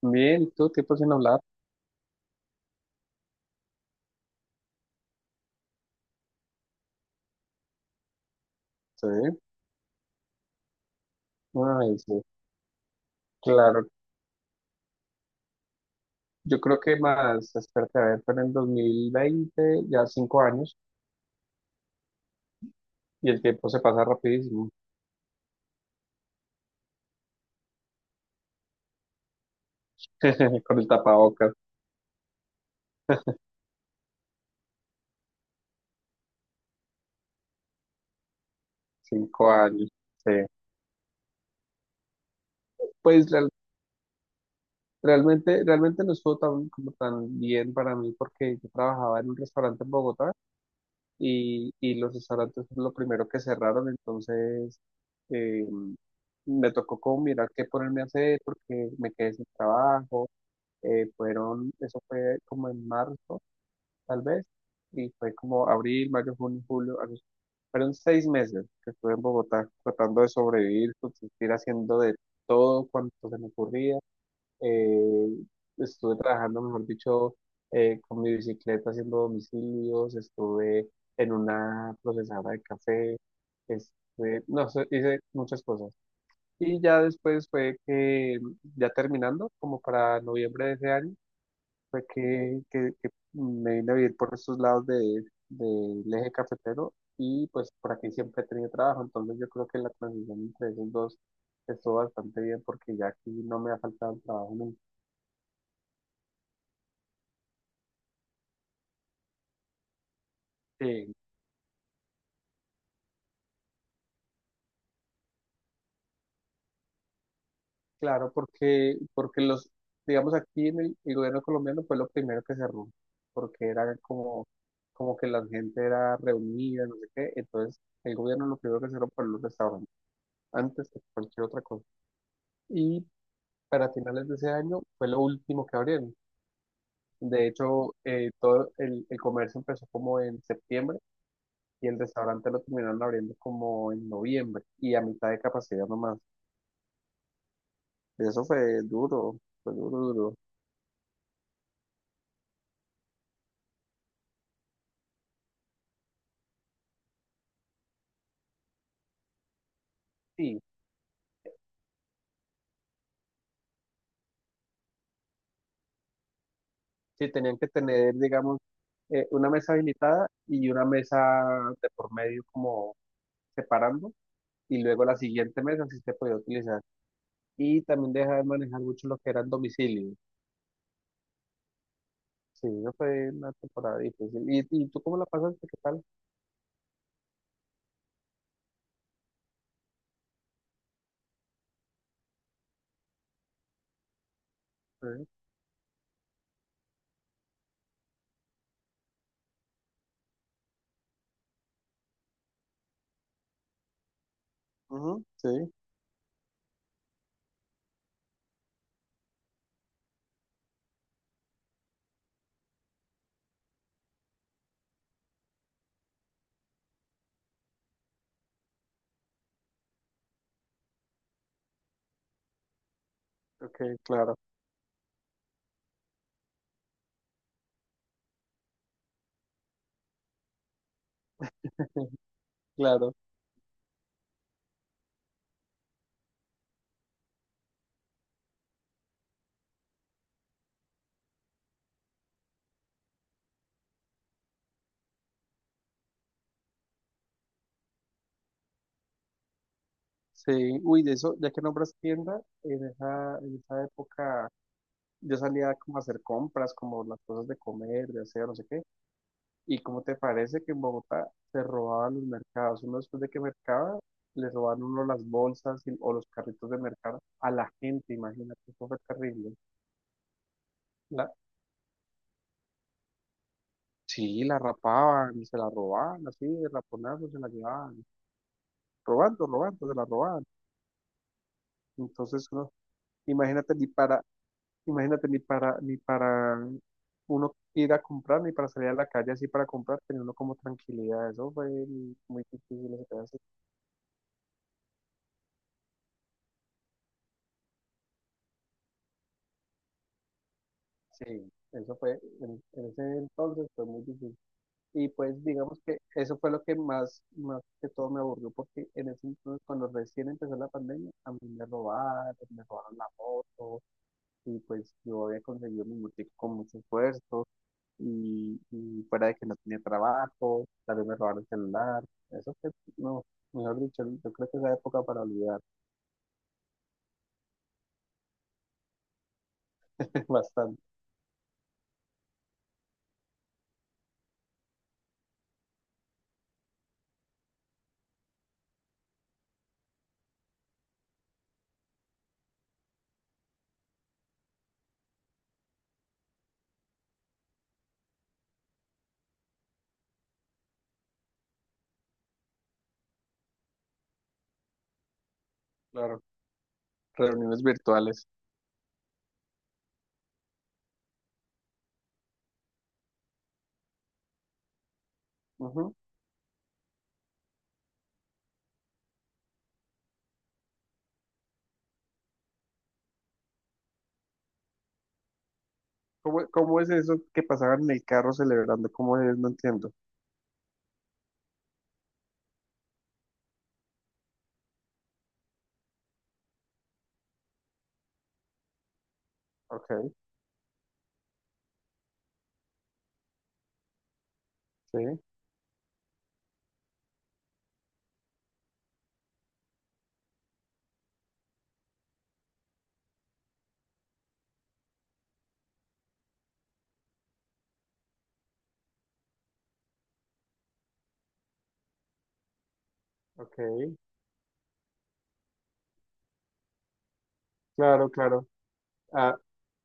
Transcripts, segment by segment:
Bien, todo tiempo sin hablar, sí. Ay, sí, claro. Yo creo que más, espérate, a ver, pero en 2020, ya 5 años, y el tiempo se pasa rapidísimo. Con el tapabocas, 5 años, sí. Pues realmente no estuvo tan, como tan bien para mí porque yo trabajaba en un restaurante en Bogotá y los restaurantes fue lo primero que cerraron, entonces eh, me tocó como mirar qué ponerme a hacer porque me quedé sin trabajo. Eso fue como en marzo, tal vez, y fue como abril, mayo, junio, julio, agosto. Fueron 6 meses que estuve en Bogotá tratando de sobrevivir, subsistir haciendo de todo cuanto se me ocurría. Eh, Estuve trabajando, mejor dicho, con mi bicicleta haciendo domicilios, estuve en una procesadora de café, este, no sé, hice muchas cosas. Y ya después fue que, ya terminando, como para noviembre de ese año, fue que me vine a vivir por estos lados de, del eje cafetero y pues por aquí siempre he tenido trabajo, entonces yo creo que la transición entre esos dos estuvo bastante bien porque ya aquí no me ha faltado el trabajo nunca. Sí, claro, porque los, digamos aquí en el gobierno colombiano fue lo primero que cerró, porque era como, como que la gente era reunida, no sé qué, entonces el gobierno lo primero que cerró fue los restaurantes, antes que cualquier otra cosa. Y para finales de ese año fue lo último que abrieron. De hecho, todo el comercio empezó como en septiembre y el restaurante lo terminaron abriendo como en noviembre y a mitad de capacidad nomás. Eso fue duro, duro. Sí, sí, tenían que tener, digamos, una mesa habilitada y una mesa de por medio como separando y luego la siguiente mesa sí se podía utilizar. Y también dejaban manejar mucho lo que eran domicilios. Sí, eso fue una temporada difícil. Y tú cómo la pasaste? ¿Qué tal? Sí, ujú, sí, ok, claro, claro. Sí, uy, de eso, ya que nombras tienda, en esa época yo salía como a hacer compras, como las cosas de comer, de hacer, no sé qué. ¿Y cómo te parece que en Bogotá se robaban los mercados? Uno después de que mercaba, le robaban uno las bolsas y- o los carritos de mercado a la gente, imagínate, eso fue terrible. La, sí, la rapaban, se la robaban, así, de raponazos se la llevaban. Robando, robando, se la robaban. Entonces, uno, imagínate ni para, imagínate ni para, ni para uno ir a comprar, ni para salir a la calle así para comprar, tenía uno como tranquilidad. Eso fue muy difícil ese pedazo. Sí, eso fue, en ese entonces fue muy difícil. Y pues digamos que eso fue lo que más, más que todo me aburrió, porque en ese entonces, cuando recién empezó la pandemia, a mí me robaron la moto, y pues yo había conseguido mi motico con mucho esfuerzo, y fuera de que no tenía trabajo, también me robaron el celular, eso que no, mejor dicho, yo creo que esa época para olvidar. Bastante, claro, reuniones virtuales. Ujú. ¿Cómo, cómo es eso que pasaban en el carro celebrando? ¿Cómo es? No entiendo. Ok, sí, ok, claro, claro, a-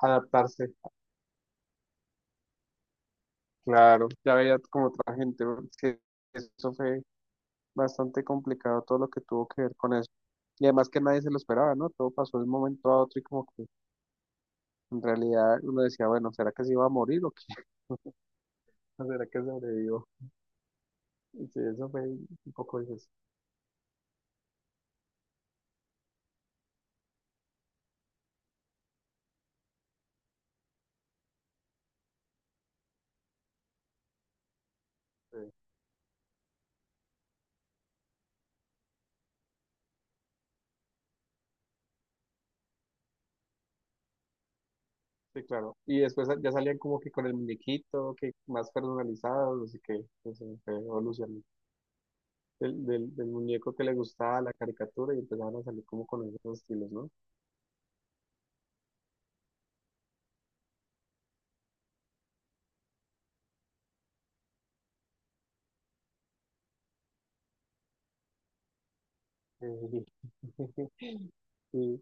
adaptarse, claro, ya veía como otra gente, porque eso fue bastante complicado todo lo que tuvo que ver con eso. Y además que nadie se lo esperaba, ¿no? Todo pasó de un momento a otro y como que en realidad uno decía, bueno, ¿será que se iba a morir o qué? ¿O será que sobrevivió? Y sí, eso fue un poco difícil. Sí, sí, claro. Y después ya salían como que con el muñequito, que más personalizado, no sé qué, eso fue evolucionando. Del muñeco que le gustaba la caricatura y empezaban a salir como con esos estilos, ¿no? Eh, Sí, sí,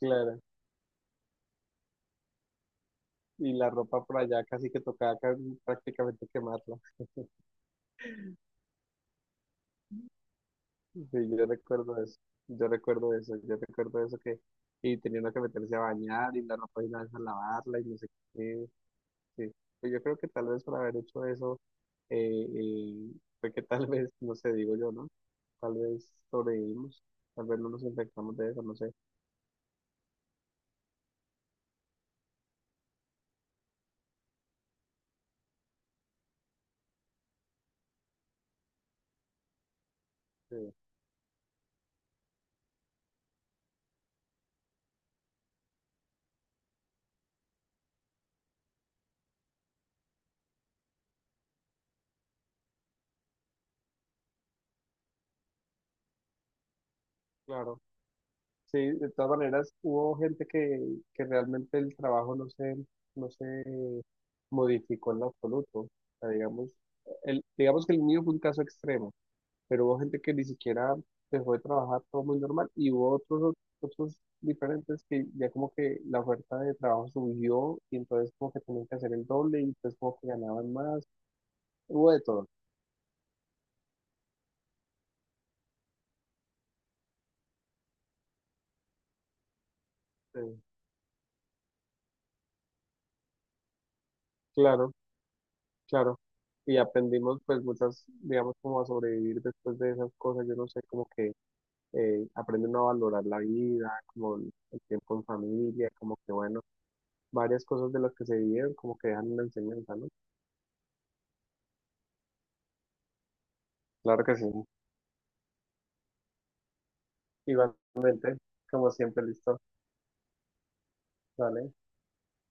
claro. Y la ropa por allá casi que tocaba prácticamente quemarla. Sí, yo recuerdo eso, yo recuerdo eso, yo recuerdo eso que y tenía uno que meterse a bañar y la ropa y la a lavarla y no sé qué, sí. Pues yo creo que tal vez por haber hecho eso, eh, eh, fue que tal vez, no sé, digo yo, ¿no? Tal vez sobrevivimos, tal vez no nos infectamos de eso, no sé. eh, claro. Sí, de todas maneras, hubo gente que realmente el trabajo no se modificó en lo absoluto. O sea, digamos, el, digamos que el mío fue un caso extremo, pero hubo gente que ni siquiera dejó de trabajar, todo muy normal, y hubo otros, otros diferentes que ya como que la oferta de trabajo subió y entonces como que tenían que hacer el doble y entonces como que ganaban más, hubo de todo. Sí. Claro, claro. Y aprendimos pues muchas, digamos, como a sobrevivir después de esas cosas, yo no sé, como que aprende a valorar la vida, como el tiempo en familia, como que bueno, varias cosas de las que se vivieron, como que dejan una enseñanza, ¿no? Claro que sí. Igualmente, como siempre, listo. Vale.